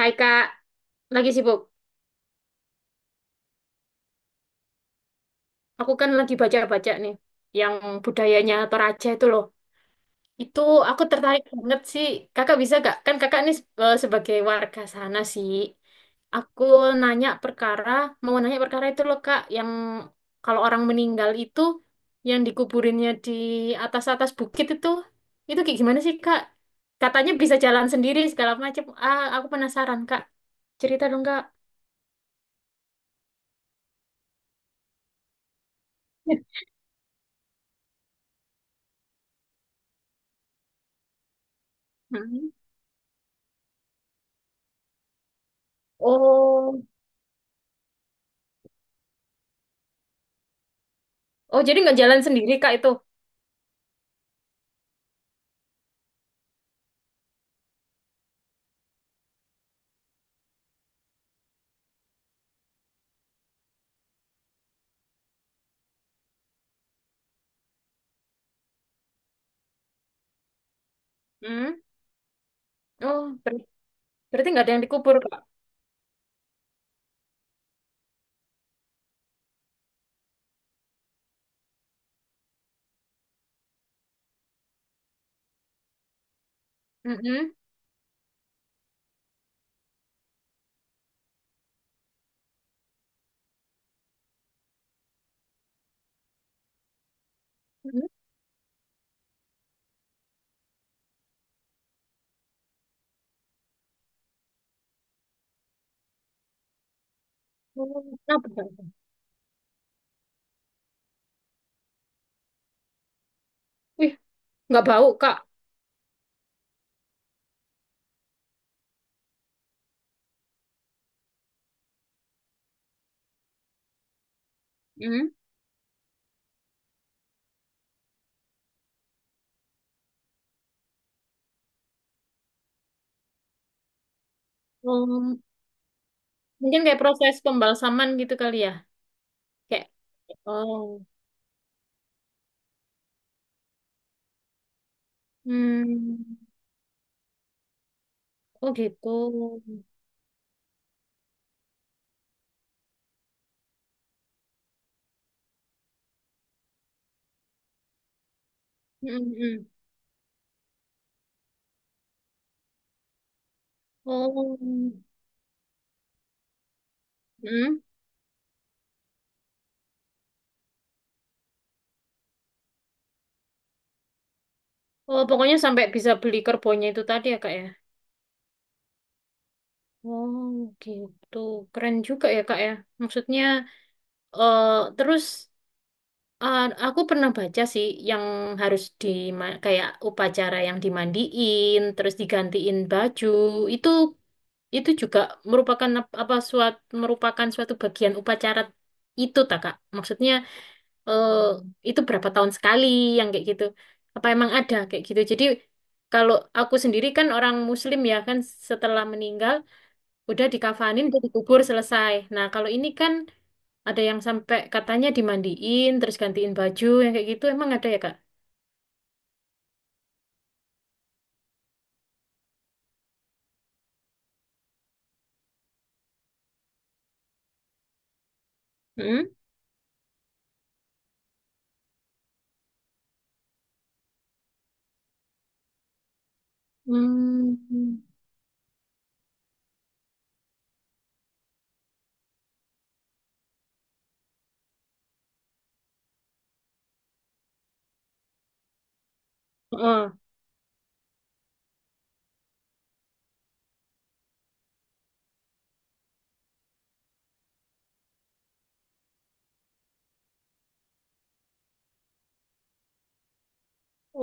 Hai Kak, lagi sibuk. Aku kan lagi baca-baca nih, yang budayanya Toraja itu loh. Itu aku tertarik banget sih. Kakak bisa gak? Kan kakak nih sebagai warga sana sih. Aku nanya perkara, mau nanya perkara itu loh Kak, yang kalau orang meninggal itu, yang dikuburinnya di atas-atas bukit itu kayak gimana sih Kak? Katanya bisa jalan sendiri segala macam. Ah, aku penasaran Kak. Cerita dong Kak. Hmm. Oh. Oh, jadi nggak jalan sendiri, Kak, itu? Hmm. Oh, berarti nggak ada yang dikubur, Kak? Mm-mm. Mm-mm. Oh, nah, benar. Wih, nggak bau, Kak. Mm. Oh, mungkin kayak proses pembalsaman gitu kali ya? Kayak, oh. Hmm. Oh, gitu. Mm-mm. Oh. Mm. Oh, pokoknya sampai bisa beli kerbaunya itu tadi ya, Kak, ya? Oh, gitu. Keren juga ya, Kak, ya? Maksudnya, eh terus. Ah, aku pernah baca sih yang harus kayak upacara yang dimandiin, terus digantiin baju. Itu itu juga merupakan ap- apa suat merupakan suatu bagian upacara itu tak Kak? Maksudnya eh, itu berapa tahun sekali yang kayak gitu? Apa emang ada kayak gitu? Jadi kalau aku sendiri kan orang Muslim ya kan setelah meninggal udah dikafanin udah dikubur selesai. Nah, kalau ini kan ada yang sampai katanya dimandiin, terus gantiin baju, yang kayak gitu. Emang ada ya, Kak? Hmm? Hmm. Heeh.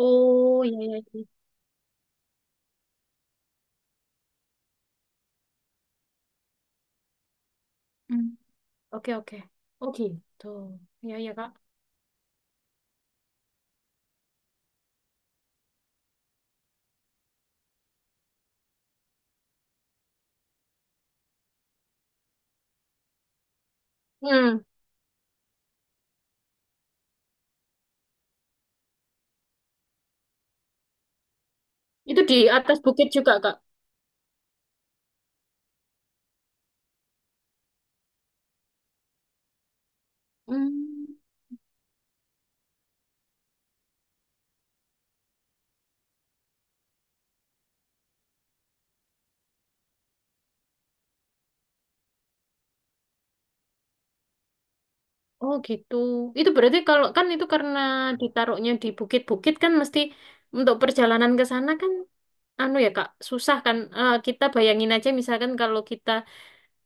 Oh, iya, iya. Iya. Hmm. Oke, oke. Oh, gitu. Iya, iya, Kak. Hmm. Itu di atas bukit juga, Kak. Hmm. Oh, gitu. Itu berarti kalau kan itu karena ditaruhnya di bukit-bukit kan mesti untuk perjalanan ke sana kan anu ya, Kak, susah kan. Kita bayangin aja misalkan kalau kita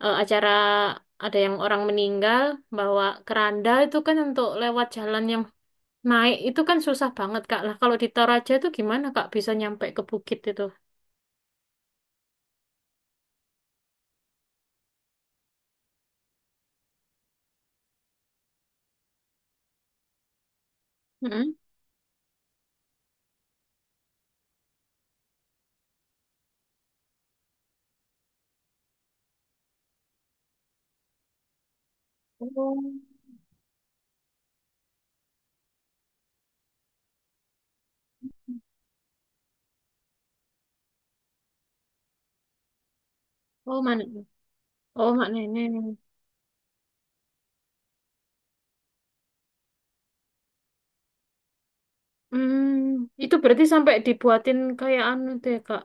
acara ada yang orang meninggal bawa keranda itu kan untuk lewat jalan yang naik itu kan susah banget Kak. Lah kalau di Toraja itu gimana Kak bisa nyampe ke bukit itu? Mm-mm. Oh, oh mana? Oh, Mak Nenek. Hmm, itu berarti sampai dibuatin kayak anu tuh ya Kak.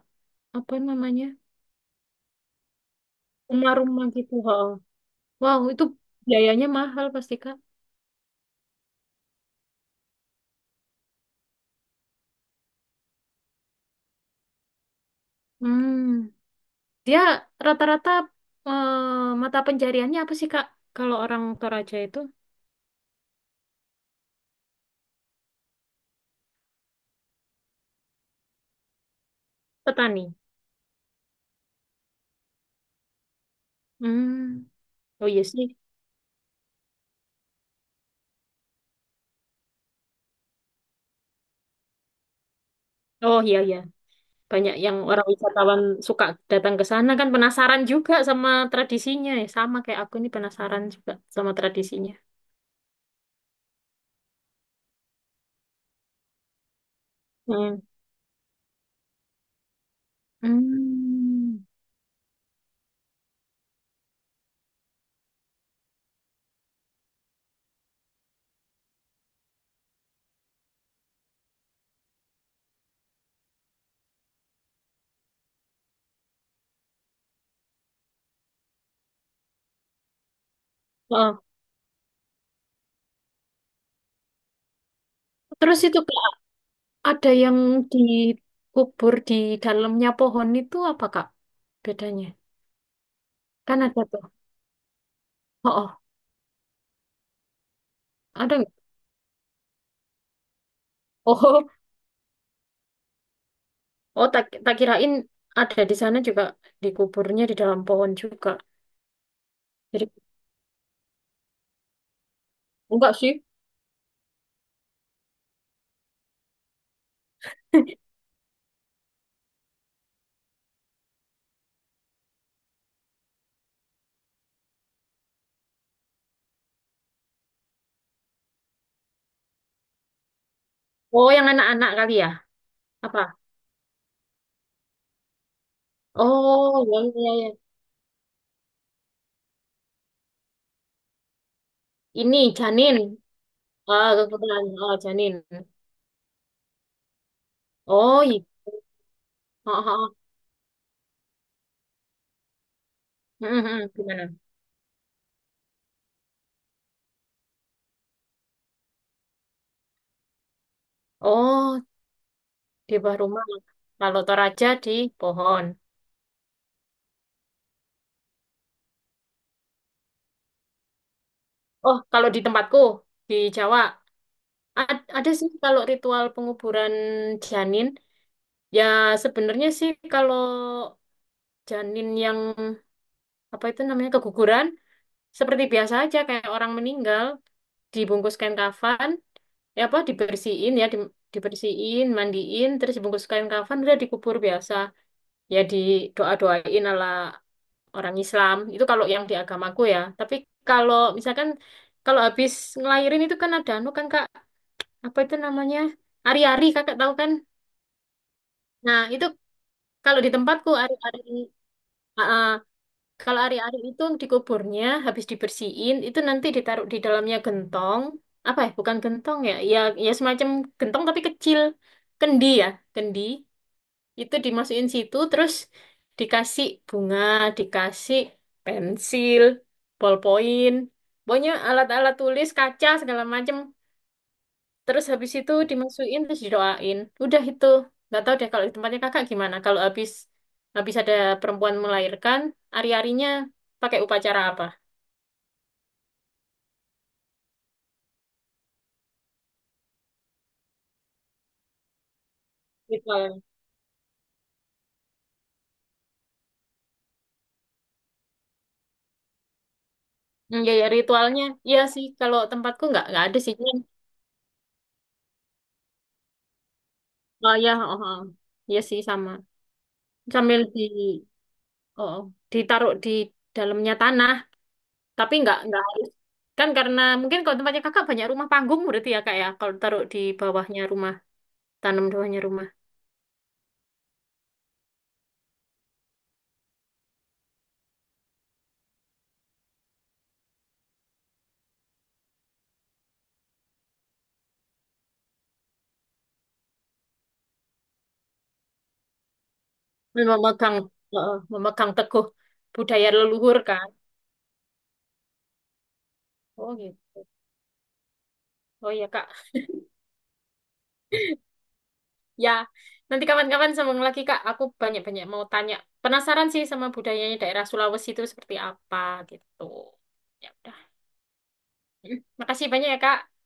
Apa namanya? Rumah-rumah gitu. Ha. Wow, itu biayanya mahal pasti Kak. Hmm, dia rata-rata eh, mata pencariannya apa sih Kak? Kalau orang Toraja itu? Petani. Hmm. Oh, iya sih. Oh, iya iya. Banyak yang orang wisatawan suka datang ke sana kan penasaran juga sama tradisinya ya. Sama kayak aku ini penasaran juga sama tradisinya. Hmm. Hmm. Oh. Terus itu Kak, ada yang dikubur di dalamnya pohon itu apa Kak? Bedanya? Kan ada tuh. Oh, oh. Ada nggak? Oh, oh oh, tak kirain ada di sana juga dikuburnya di dalam pohon juga. Jadi enggak sih. Oh, yang anak-anak kali ya? Apa? Oh, ya, ya, ya. Ya. Ini janin. Ah, kebetulan. Oh, janin. Oh, iya. Oh, oh, oh. Hmm, hmm, gimana? Oh, di bawah rumah. Kalau Toraja di pohon. Oh, kalau di tempatku di Jawa ada sih kalau ritual penguburan janin. Ya sebenarnya sih kalau janin yang apa itu namanya keguguran seperti biasa aja kayak orang meninggal dibungkus kain kafan, ya apa dibersihin ya dibersihin mandiin terus dibungkus kain kafan udah dikubur biasa, ya doain ala orang Islam itu kalau yang di agamaku ya. Tapi kalau misalkan kalau habis ngelahirin itu kan ada anu kan kak, apa itu namanya, ari-ari, kakak tahu kan? Nah itu, kalau di tempatku ari-ari, kalau ari-ari itu dikuburnya habis dibersihin itu nanti ditaruh di dalamnya gentong, apa ya, bukan gentong ya, ya ya semacam gentong tapi kecil, kendi, ya kendi, itu dimasukin situ terus dikasih bunga, dikasih pensil, ballpoint, pokoknya alat-alat tulis kaca segala macam. Terus habis itu dimasukin terus didoain. Udah itu. Nggak tahu deh kalau di tempatnya kakak gimana. Kalau habis habis ada perempuan melahirkan, ari-arinya pakai upacara apa? Ritual. Hmm, ya, ya ritualnya. Iya sih kalau tempatku nggak ada sih. Cuman, oh ya, oh, oh. Iya sih sama. Sambil di oh, oh. Ditaruh di dalamnya tanah, tapi nggak harus kan karena mungkin kalau tempatnya kakak banyak rumah panggung berarti ya kak ya, kalau taruh di bawahnya rumah, tanam di bawahnya rumah. Dan memegang teguh budaya leluhur kan. Oh gitu. Oh ya Kak. Ya, nanti kawan-kawan sambung lagi Kak. Aku banyak-banyak mau tanya. Penasaran sih sama budayanya daerah Sulawesi itu seperti apa gitu. Ya udah. Hmm, makasih banyak ya Kak.